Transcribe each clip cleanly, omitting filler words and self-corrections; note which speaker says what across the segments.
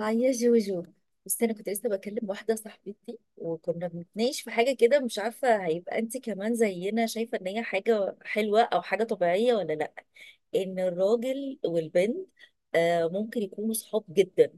Speaker 1: اه يا جوجو. بس انا كنت لسه بكلم واحده صاحبتي وكنا بنتناقش في حاجه كده، مش عارفه هيبقى انت كمان زينا شايفه ان هي حاجه حلوه او حاجه طبيعيه ولا لا. ان الراجل والبنت آه ممكن يكونوا صحاب جدا.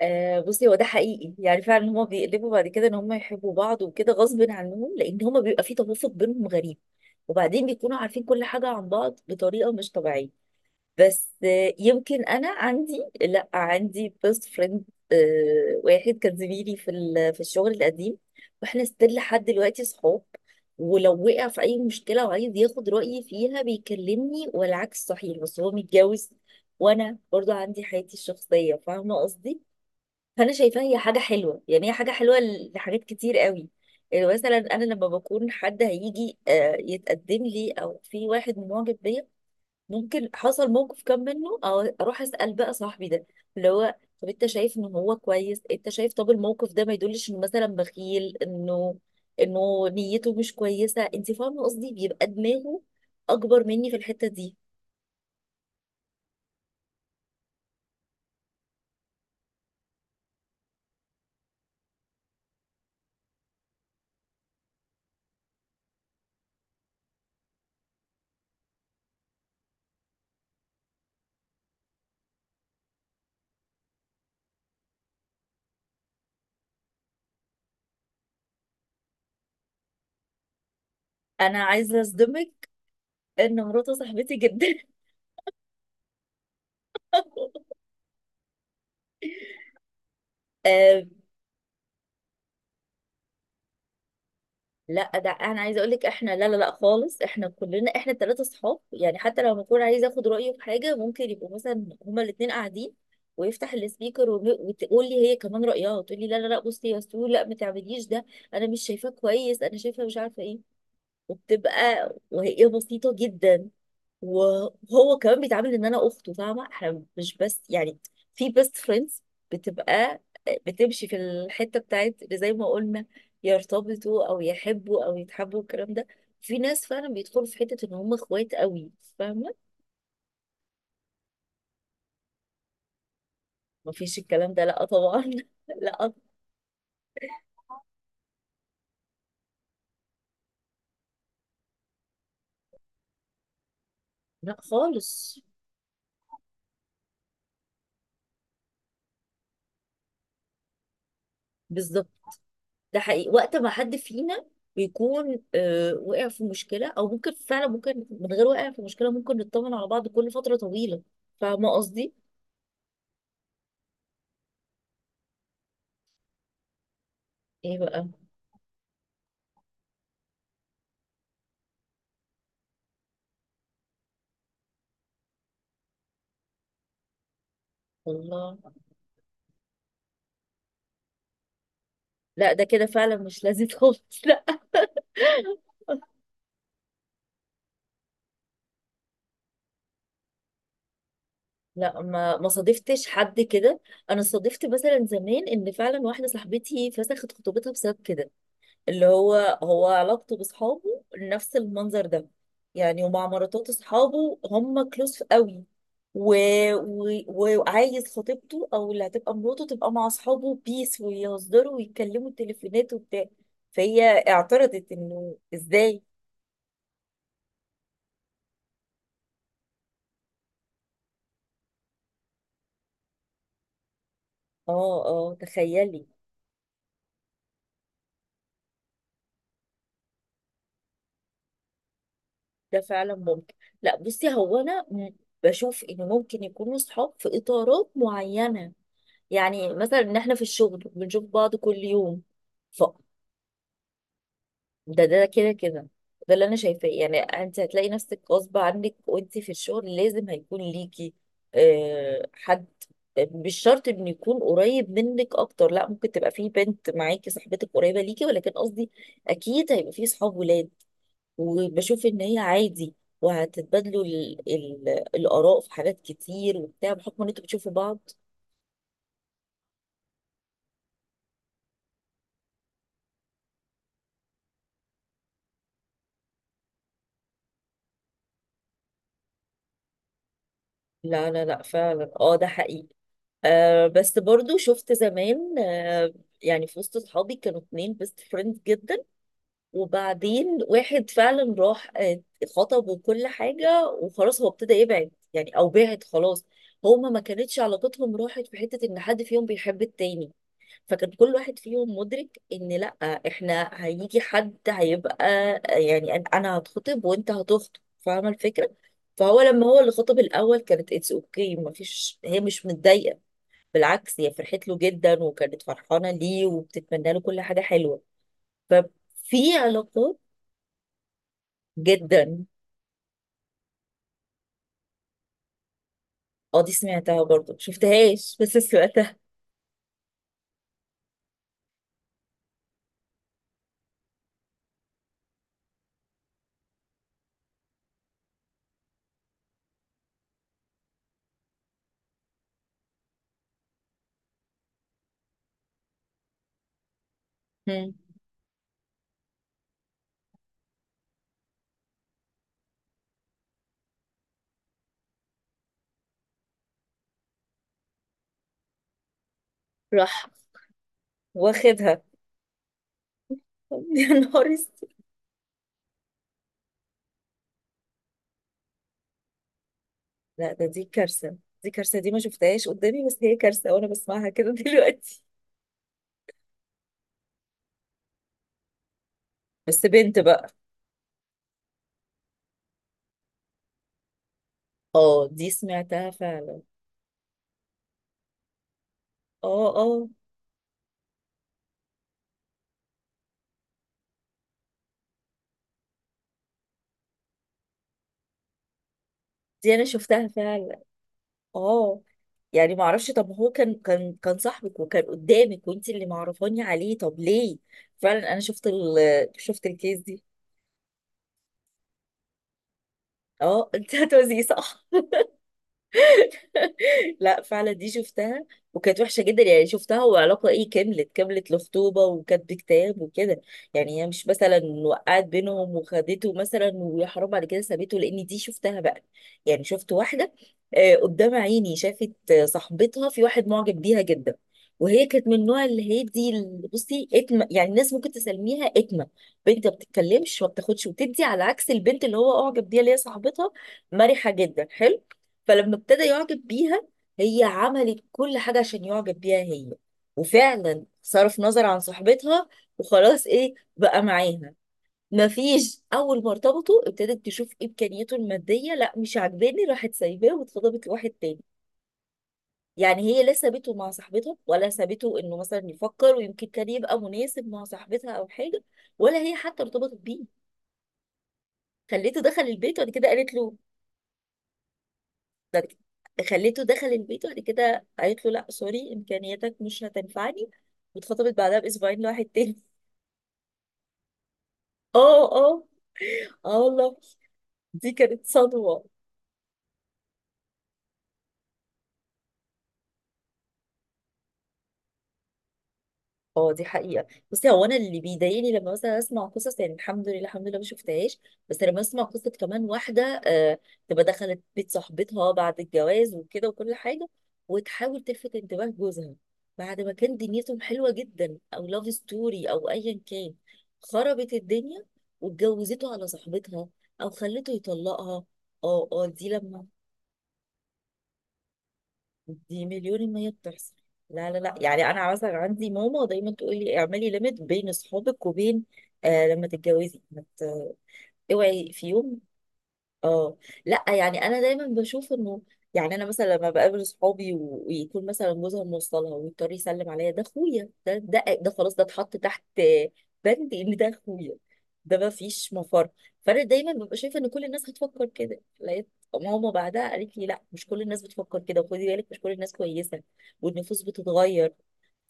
Speaker 1: آه بصي، هو ده حقيقي، يعني فعلا هما بيقلبوا بعد كده ان هما يحبوا بعض وكده غصب عنهم، لان هما بيبقى في توافق بينهم غريب. وبعدين بيكونوا عارفين كل حاجه عن بعض بطريقه مش طبيعيه. بس يمكن انا عندي، لا عندي بيست فريند. واحد كان زميلي في في الشغل القديم. واحنا ستيل لحد دلوقتي صحاب. ولو وقع في اي مشكله وعايز ياخد رايي فيها بيكلمني، والعكس صحيح. بس هو متجوز، وانا برضو عندي حياتي الشخصيه، فاهمه قصدي؟ فانا شايفاها هي حاجه حلوه، يعني هي حاجه حلوه لحاجات كتير قوي. يعني مثلا انا لما بكون حد هيجي يتقدم لي، او في واحد معجب بيا، ممكن حصل موقف كان منه، أو اروح اسال بقى صاحبي ده، اللي هو طب انت شايف ان هو كويس؟ انت شايف طب الموقف ده ما يدلش انه مثلا بخيل، انه انه نيته مش كويسه؟ انت فاهمه قصدي؟ بيبقى دماغه اكبر مني في الحته دي. انا عايزه اصدمك ان مراته صاحبتي جدا. لا، ده انا عايزه اقول لك احنا لا لا لا خالص، احنا كلنا احنا الثلاثه صحاب. يعني حتى لما اكون عايزه اخد رايه في حاجه ممكن يبقوا مثلا هما الاثنين قاعدين، ويفتح السبيكر وتقول لي هي كمان رايها، وتقول لي لا لا لا بصي يا سو، لا ما تعمليش ده، انا مش شايفاه كويس، انا شايفه مش عارفه ايه. وبتبقى وهي بسيطه جدا. وهو كمان بيتعامل ان انا اخته، فاهمه؟ احنا مش بس يعني في بيست فريندز، بتبقى بتمشي في الحته بتاعت اللي زي ما قلنا يرتبطوا او يحبوا او يتحبوا الكلام ده. في ناس فعلا بيدخلوا في حته ان هم اخوات قوي، فاهمه؟ مفيش الكلام ده، لا طبعا. لا لا خالص، بالظبط. ده حقيقي وقت ما حد فينا بيكون وقع في مشكله، او ممكن فعلا ممكن من غير وقع في مشكله، ممكن نطمن على بعض كل فتره طويله، فاهمه قصدي؟ ايه بقى. الله، لا ده كده فعلا مش لذيذ خالص، لا. لا ما صادفتش حد كده. انا صادفت مثلا زمان ان فعلا واحده صاحبتي فسخت خطوبتها بسبب كده، اللي هو هو علاقته باصحابه نفس المنظر ده، يعني ومع مراتات اصحابه هم كلوز قوي. و... و... وعايز خطيبته او اللي هتبقى مراته تبقى مع اصحابه بيس، ويهزروا ويتكلموا التليفونات وبتاع. فهي اعترضت انه ازاي. اه اه تخيلي، ده فعلا ممكن. لا بصي، هو انا بشوف ان ممكن يكونوا صحاب في اطارات معينه. يعني مثلا ان احنا في الشغل بنشوف بعض كل يوم. ف ده ده كده كده، ده اللي انا شايفاه. يعني انت هتلاقي نفسك غصب عنك، وانت في الشغل لازم هيكون ليكي حد. مش شرط انه يكون قريب منك اكتر، لا ممكن تبقى في بنت معاكي صاحبتك قريبه ليكي، ولكن قصدي اكيد هيبقى في صحاب ولاد. وبشوف ان هي عادي، وهتتبادلوا الاراء في حاجات كتير وبتاع، بحكم ان انتوا بتشوفوا بعض. لا لا لا، فعلا اه ده حقيقي. آه، بس برضو شفت زمان يعني. في وسط اصحابي كانوا اتنين بيست فريند جدا، وبعدين واحد فعلا راح خطب وكل حاجة، وخلاص هو ابتدى يبعد يعني او بعد خلاص. هما ما كانتش علاقتهم راحت في حتة ان حد فيهم بيحب التاني، فكان كل واحد فيهم مدرك ان لا، احنا هيجي حد هيبقى، يعني انا هتخطب وانت هتخطب، فاهمه الفكره؟ فهو لما هو اللي خطب الاول كانت اتس اوكي، ما فيش هي مش متضايقه، بالعكس هي فرحت له جدا، وكانت فرحانه ليه، وبتتمنى له كل حاجه حلوه. ففي علاقات جدا. اه دي سمعتها برضه، شفتهاش بس سمعتها. مم. راح واخدها. يا نهار، لا ده دي كارثة. دي كارثة، دي ما شفتهاش قدامي، بس هي كارثة وانا بسمعها كده دلوقتي. بس بنت بقى. اه دي سمعتها فعلا. اه اه دي انا شفتها فعلا. اه يعني ما اعرفش، طب هو كان صاحبك وكان قدامك، وانت اللي معرفاني عليه، طب ليه؟ فعلا انا شفت ال، شفت الكيس دي. اه انت هتوزي صح. لا فعلا دي شفتها، وكانت وحشة جدا. يعني شفتها وعلاقة ايه، كملت كملت لخطوبة وكاتب كتاب وكده. يعني هي مش مثلا وقعت بينهم وخدته مثلا ويا حرام بعد كده سابته، لان دي شفتها بقى. يعني شفت واحدة قدام عيني شافت صاحبتها في واحد معجب بيها جدا. وهي كانت من النوع اللي هي دي بصي اتمه، يعني الناس ممكن تسميها اتمه، بنت ما بتتكلمش وما بتاخدش وتدي، على عكس البنت اللي هو اعجب بيها اللي هي صاحبتها مرحه جدا حلو. فلما ابتدى يعجب بيها، هي عملت كل حاجة عشان يعجب بيها هي، وفعلا صرف نظر عن صاحبتها، وخلاص ايه بقى معاها. مفيش، اول ما ارتبطوا ابتدت تشوف امكانياته الماديه، لا مش عاجباني، راحت سايباه واتخطبت لواحد تاني. يعني هي لا سابته مع صاحبتها، ولا سابته انه مثلا يفكر ويمكن كان يبقى مناسب مع صاحبتها او حاجه، ولا هي حتى ارتبطت بيه. خليته دخل البيت وبعد كده قالت له، ده بت- خليته دخل البيت وبعد كده قالت له لا سوري، امكانياتك مش هتنفعني. واتخطبت بعدها باسبوعين لواحد تاني. اه اه، اه والله، دي كانت صدمه. اه دي حقيقة. بصي هو انا اللي بيضايقني لما مثلا اسمع قصص، يعني الحمد لله الحمد لله ما شفتهاش. بس لما اسمع قصة كمان واحدة تبقى دخلت بيت صاحبتها بعد الجواز وكده وكل حاجة، وتحاول تلفت انتباه جوزها، بعد ما كان دنيتهم حلوة جدا او لاف ستوري او ايا كان، خربت الدنيا واتجوزته على صاحبتها، او خلته يطلقها. اه اه دي لما. دي مليون المية بتحصل. لا لا لا، يعني انا مثلا عندي ماما دايما تقول لي اعملي ليميت بين اصحابك وبين، آه لما تتجوزي ما ت- اوعي في يوم. اه لا، يعني انا دايما بشوف انه، يعني انا مثلا لما بقابل صحابي ويكون مثلا جوزها موصلها ويضطر يسلم عليا، ده اخويا، ده ده ده خلاص ده اتحط تحت بند ان ده اخويا، ده ما فيش مفر. فانا دايما ببقى شايفه ان كل الناس هتفكر كده. لقيت ماما بعدها قالت لي لا مش كل الناس بتفكر كده، وخدي بالك مش كل الناس كويسه، والنفوس بتتغير.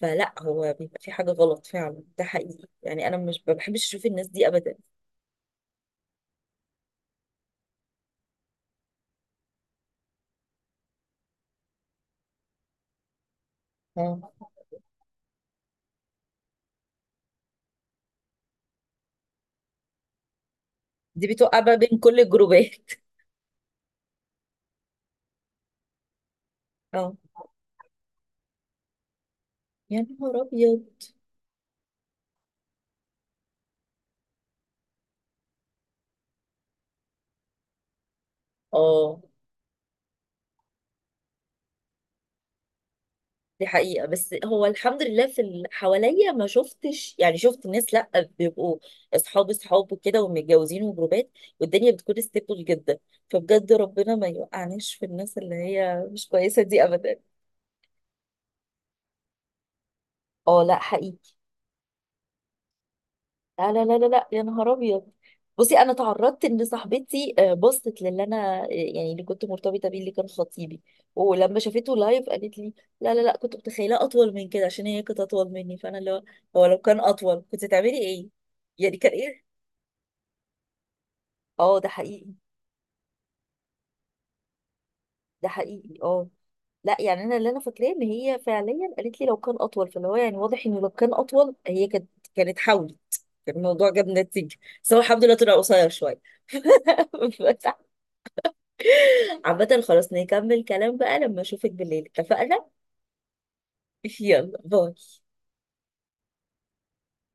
Speaker 1: فلا، هو بيبقى في حاجه غلط فعلا، ده حقيقي. يعني انا مش ما بحبش اشوف الناس دي ابدا. اه دي بتوقع بقى بين كل الجروبات. اه يا نهار ابيض. اه دي حقيقة، بس هو الحمد لله في اللي حواليا ما شفتش، يعني شفت ناس لا بيبقوا اصحاب اصحاب وكده ومتجوزين وجروبات، والدنيا بتكون ستيبل جدا. فبجد ربنا ما يوقعناش في الناس اللي هي مش كويسة دي ابدا. اه لا حقيقي. لا لا لا لا لا، يا نهار ابيض. بصي انا تعرضت ان صاحبتي بصت للي انا يعني اللي كنت مرتبطه بيه، اللي كان خطيبي. ولما شافته لايف قالت لي لا لا لا، كنت متخيله اطول من كده، عشان هي كانت اطول مني، فانا اللي هو هو لو كان اطول كنت تعملي ايه؟ يعني كان ايه. اه ده حقيقي. ده حقيقي اه. لا يعني انا اللي انا فاكراه ان هي فعليا قالت لي لو كان اطول، فاللي هو يعني واضح انه لو كان اطول هي كانت حاولت، كان الموضوع جاب نتيجه. بس هو الحمد لله طلع قصير شويه. عامة خلاص، نكمل كلام بقى لما اشوفك بالليل، اتفقنا؟ يلا باي.